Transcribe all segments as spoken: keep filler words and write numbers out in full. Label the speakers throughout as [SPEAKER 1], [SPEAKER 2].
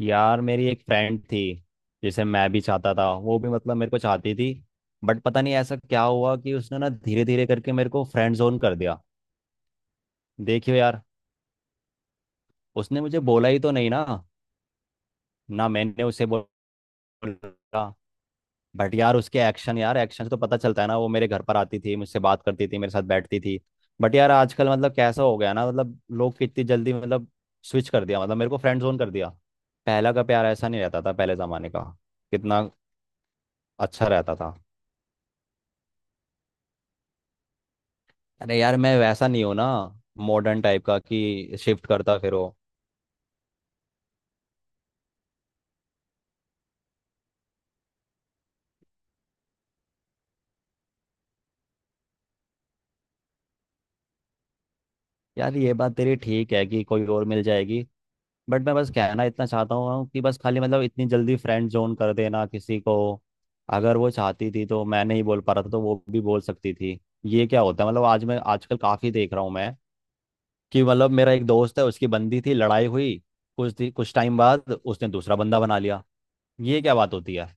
[SPEAKER 1] यार मेरी एक फ्रेंड थी जिसे मैं भी चाहता था, वो भी मतलब मेरे को चाहती थी। बट पता नहीं ऐसा क्या हुआ कि उसने ना धीरे धीरे करके मेरे को फ्रेंड जोन कर दिया। देखियो यार, उसने मुझे बोला ही तो नहीं ना। ना मैंने उसे बोला। बट यार उसके एक्शन, यार एक्शन से तो पता चलता है ना। वो मेरे घर पर आती थी, मुझसे बात करती थी, मेरे साथ बैठती थी। बट यार आजकल मतलब कैसा हो गया ना, मतलब लोग कितनी जल्दी मतलब स्विच कर दिया, मतलब मेरे को फ्रेंड जोन कर दिया। पहला का प्यार ऐसा नहीं रहता था, पहले जमाने का कितना अच्छा रहता था। अरे यार मैं वैसा नहीं हूँ ना, मॉडर्न टाइप का कि शिफ्ट करता फिरो। यार ये बात तेरी ठीक है कि कोई और मिल जाएगी, बट मैं बस कहना इतना चाहता हूँ कि बस खाली मतलब इतनी जल्दी फ्रेंड जोन कर देना किसी को। अगर वो चाहती थी तो मैं नहीं बोल पा रहा था तो वो भी बोल सकती थी। ये क्या होता है, मतलब आज मैं आजकल काफ़ी देख रहा हूँ मैं कि मतलब मेरा एक दोस्त है, उसकी बंदी थी, लड़ाई हुई। कुछ दि- कुछ टाइम बाद उसने दूसरा बंदा बना लिया। ये क्या बात होती है।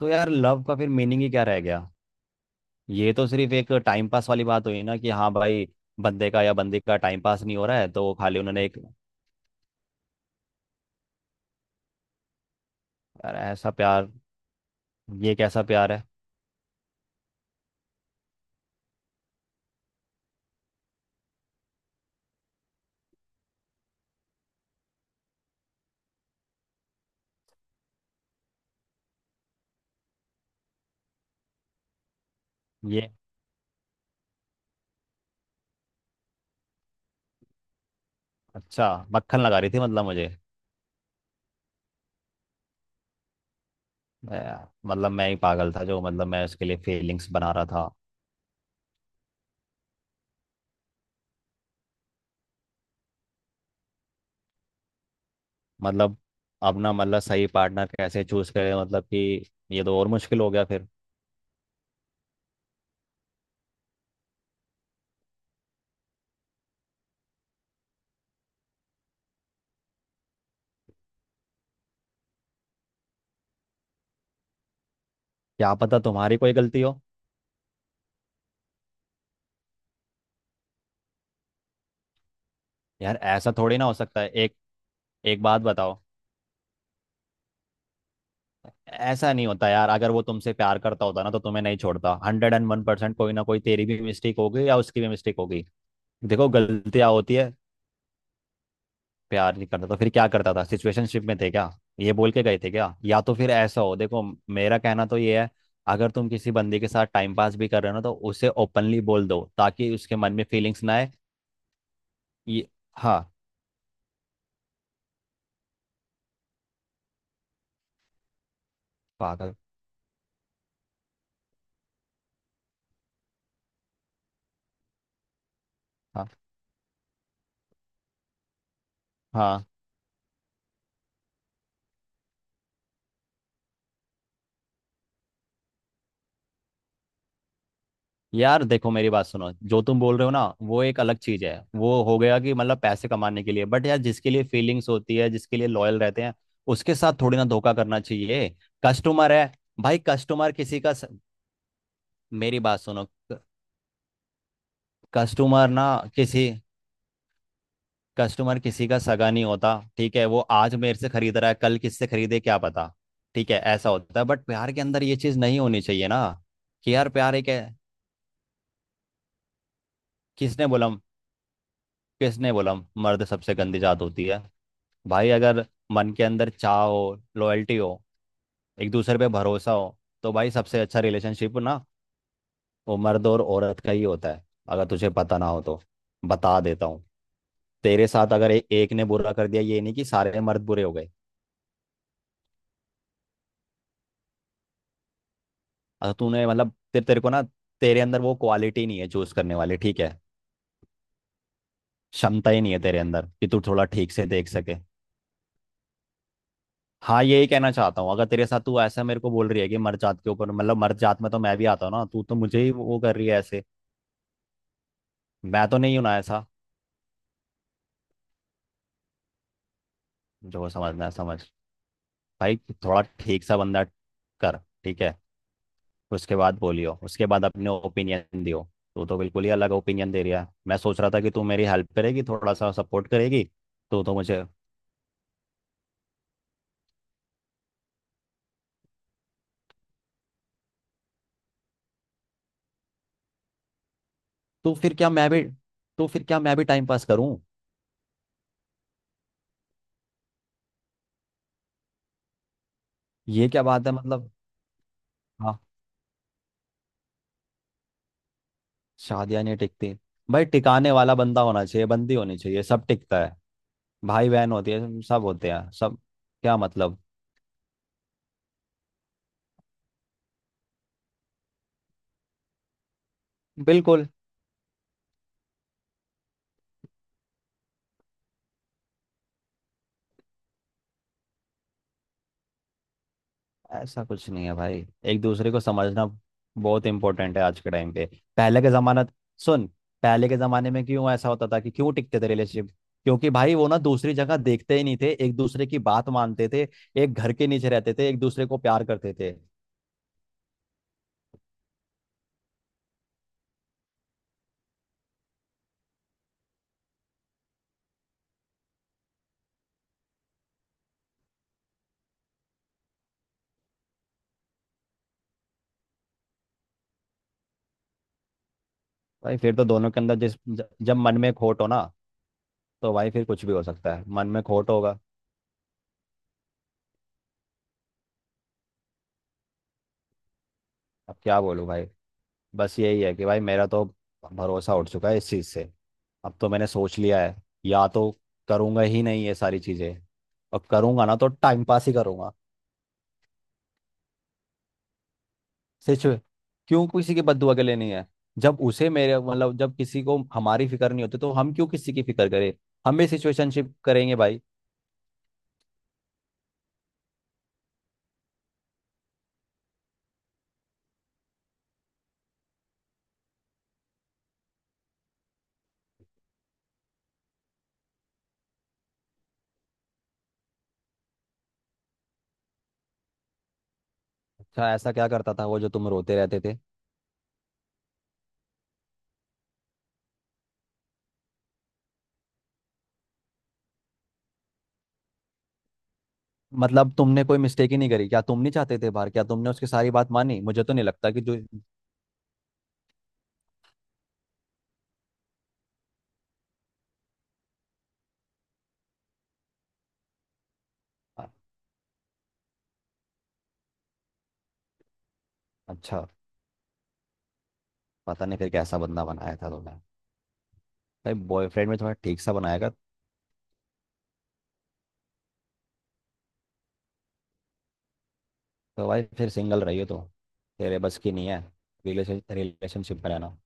[SPEAKER 1] तो यार लव का फिर मीनिंग ही क्या रह गया। ये तो सिर्फ एक टाइम पास वाली बात हुई ना, कि हाँ भाई, बंदे का या बंदी का टाइम पास नहीं हो रहा है तो वो खाली उन्होंने एक "यार, ऐसा प्यार, ये कैसा प्यार है"। ये अच्छा, मक्खन लगा रही थी मतलब मुझे। ए, मतलब मैं ही पागल था, जो मतलब मैं उसके लिए फीलिंग्स बना रहा था। मतलब अब ना, मतलब सही पार्टनर कैसे चूज करे, मतलब कि ये तो और मुश्किल हो गया फिर। क्या पता तुम्हारी कोई गलती हो। यार ऐसा थोड़ी ना हो सकता है, एक, एक बात बताओ। ऐसा नहीं होता यार, अगर वो तुमसे प्यार करता होता ना तो तुम्हें नहीं छोड़ता। हंड्रेड एंड वन परसेंट कोई ना कोई तेरी भी मिस्टेक होगी या उसकी भी मिस्टेक होगी। देखो गलतियां होती है। प्यार नहीं करता तो फिर क्या करता था, सिचुएशनशिप में थे क्या? ये बोल के गए थे क्या? या तो फिर ऐसा हो, देखो मेरा कहना तो ये है, अगर तुम किसी बंदे के साथ टाइम पास भी कर रहे हो ना तो उसे ओपनली बोल दो ताकि उसके मन में फीलिंग्स ना आए। ये हाँ। पागल। हाँ हाँ। यार देखो मेरी बात सुनो, जो तुम बोल रहे हो ना वो एक अलग चीज है, वो हो गया कि मतलब पैसे कमाने के लिए। बट यार जिसके लिए फीलिंग्स होती है, जिसके लिए लॉयल रहते हैं, उसके साथ थोड़ी ना धोखा करना चाहिए। कस्टमर है भाई, कस्टमर किसी का स... मेरी बात सुनो। कस्टमर ना, किसी कस्टमर किसी का सगा नहीं होता, ठीक है? वो आज मेरे से खरीद रहा है, कल किससे खरीदे क्या पता। ठीक है ऐसा होता है, बट प्यार के अंदर ये चीज नहीं होनी चाहिए ना, कि यार प्यार एक है। किसने बोला, किसने बोला मर्द सबसे गंदी जात होती है? भाई अगर मन के अंदर चाह हो, लॉयल्टी हो, एक दूसरे पे भरोसा हो, तो भाई सबसे अच्छा रिलेशनशिप ना, वो मर्द और औरत का ही होता है। अगर तुझे पता ना हो तो बता देता हूँ, तेरे साथ अगर ए, एक ने बुरा कर दिया, ये नहीं कि सारे मर्द बुरे हो गए। अगर तूने मतलब तेरे तेरे को ना, तेरे अंदर वो क्वालिटी नहीं है चूज करने वाली, ठीक है? क्षमता ही नहीं है तेरे अंदर कि तू थोड़ा ठीक से देख सके। हाँ यही कहना चाहता हूँ, अगर तेरे साथ तू ऐसा मेरे को बोल रही है कि मर्द जात के ऊपर, मतलब मर्द जात में तो मैं भी आता हूँ ना, तू तो मुझे ही वो कर रही है ऐसे। मैं तो नहीं हूं ना ऐसा। जो समझना है समझ। भाई थोड़ा ठीक सा बंदा कर, ठीक है? उसके बाद बोलियो, उसके बाद अपने ओपिनियन दियो। तू तो बिल्कुल ही अलग ओपिनियन दे रहा है, मैं सोच रहा था कि तू मेरी हेल्प करेगी, थोड़ा सा सपोर्ट करेगी। तो तो मुझे, तो फिर क्या मैं भी तो फिर क्या मैं भी टाइम पास करूं? ये क्या बात है मतलब। हाँ, शादियां नहीं टिकती, भाई टिकाने वाला बंदा होना चाहिए, बंदी होनी चाहिए, सब टिकता है। भाई बहन होती है, सब होते हैं सब। क्या मतलब? बिल्कुल। ऐसा कुछ नहीं है भाई, एक दूसरे को समझना बहुत इंपॉर्टेंट है आज के टाइम पे। पहले के जमाना, सुन, पहले के जमाने में क्यों ऐसा होता था, कि क्यों टिकते थे रिलेशनशिप? क्योंकि भाई वो ना दूसरी जगह देखते ही नहीं थे, एक दूसरे की बात मानते थे, एक घर के नीचे रहते थे, एक दूसरे को प्यार करते थे। भाई फिर तो दोनों के अंदर जिस ज- जब मन में खोट हो ना, तो भाई फिर कुछ भी हो सकता है, मन में खोट होगा। अब क्या बोलूं भाई, बस यही है कि भाई मेरा तो भरोसा उठ चुका है इस चीज़ से। अब तो मैंने सोच लिया है, या तो करूँगा ही नहीं ये सारी चीज़ें, और करूँगा ना तो टाइम पास ही करूँगा। सच में। क्यों किसी की बददुआ के लिए नहीं है। जब उसे मेरे मतलब, जब किसी को हमारी फिक्र नहीं होती तो हम क्यों किसी की फिक्र करें। हम भी सिचुएशनशिप करेंगे भाई। अच्छा, ऐसा क्या करता था वो, जो तुम रोते रहते थे? मतलब तुमने कोई मिस्टेक ही नहीं करी क्या, तुम नहीं चाहते थे बाहर, क्या तुमने उसकी सारी बात मानी? मुझे तो नहीं लगता कि जो। अच्छा, पता नहीं फिर कैसा बंदा बनाया था तुमने, भाई बॉयफ्रेंड में थोड़ा ठीक सा बनाएगा। तो भाई फिर सिंगल रहिए तो, तेरे बस की नहीं है रिलेशन रिलेशनशिप में रहना।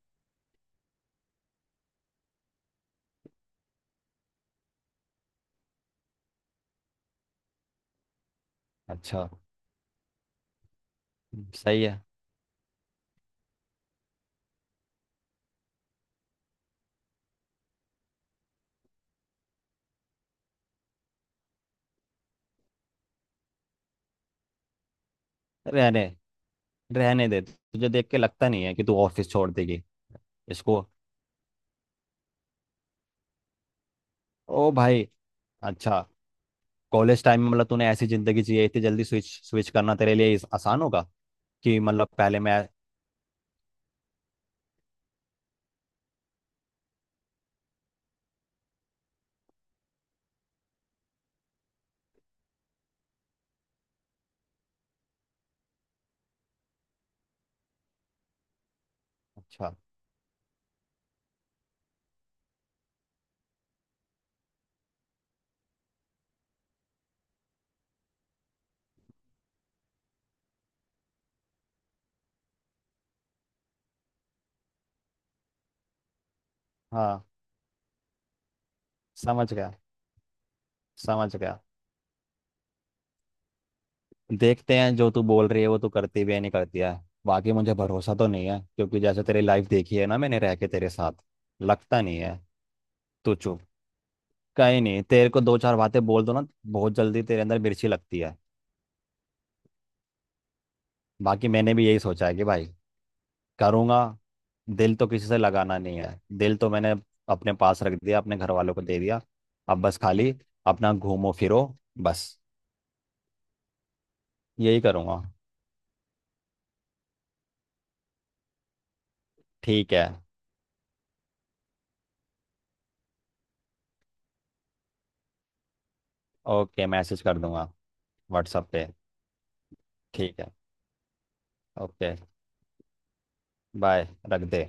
[SPEAKER 1] अच्छा। सही है। रहने रहने दे, तुझे देख के लगता नहीं है कि तू ऑफिस छोड़ देगी। इसको। ओ भाई। अच्छा, कॉलेज टाइम में मतलब तूने ऐसी जिंदगी जी है, इतनी जल्दी स्विच स्विच करना तेरे लिए इस- आसान होगा, कि मतलब पहले मैं। अच्छा। हाँ। समझ गया। समझ गया। देखते हैं जो तू बोल रही है वो तू करती भी है नहीं करती है। बाकी मुझे भरोसा तो नहीं है क्योंकि जैसे तेरी लाइफ देखी है ना मैंने रह के तेरे साथ, लगता नहीं है। तू चुप। कहीं नहीं, तेरे को दो चार बातें बोल दो ना, बहुत जल्दी तेरे अंदर मिर्ची लगती है। बाकी मैंने भी यही सोचा है कि भाई करूँगा, दिल तो किसी से लगाना नहीं है। दिल तो मैंने अपने पास रख दिया, अपने घर वालों को दे दिया। अब बस खाली अपना घूमो फिरो, बस यही करूँगा। ठीक है। ओके, मैसेज कर दूंगा व्हाट्सएप पे। ठीक है। Okay, bye. रख दे।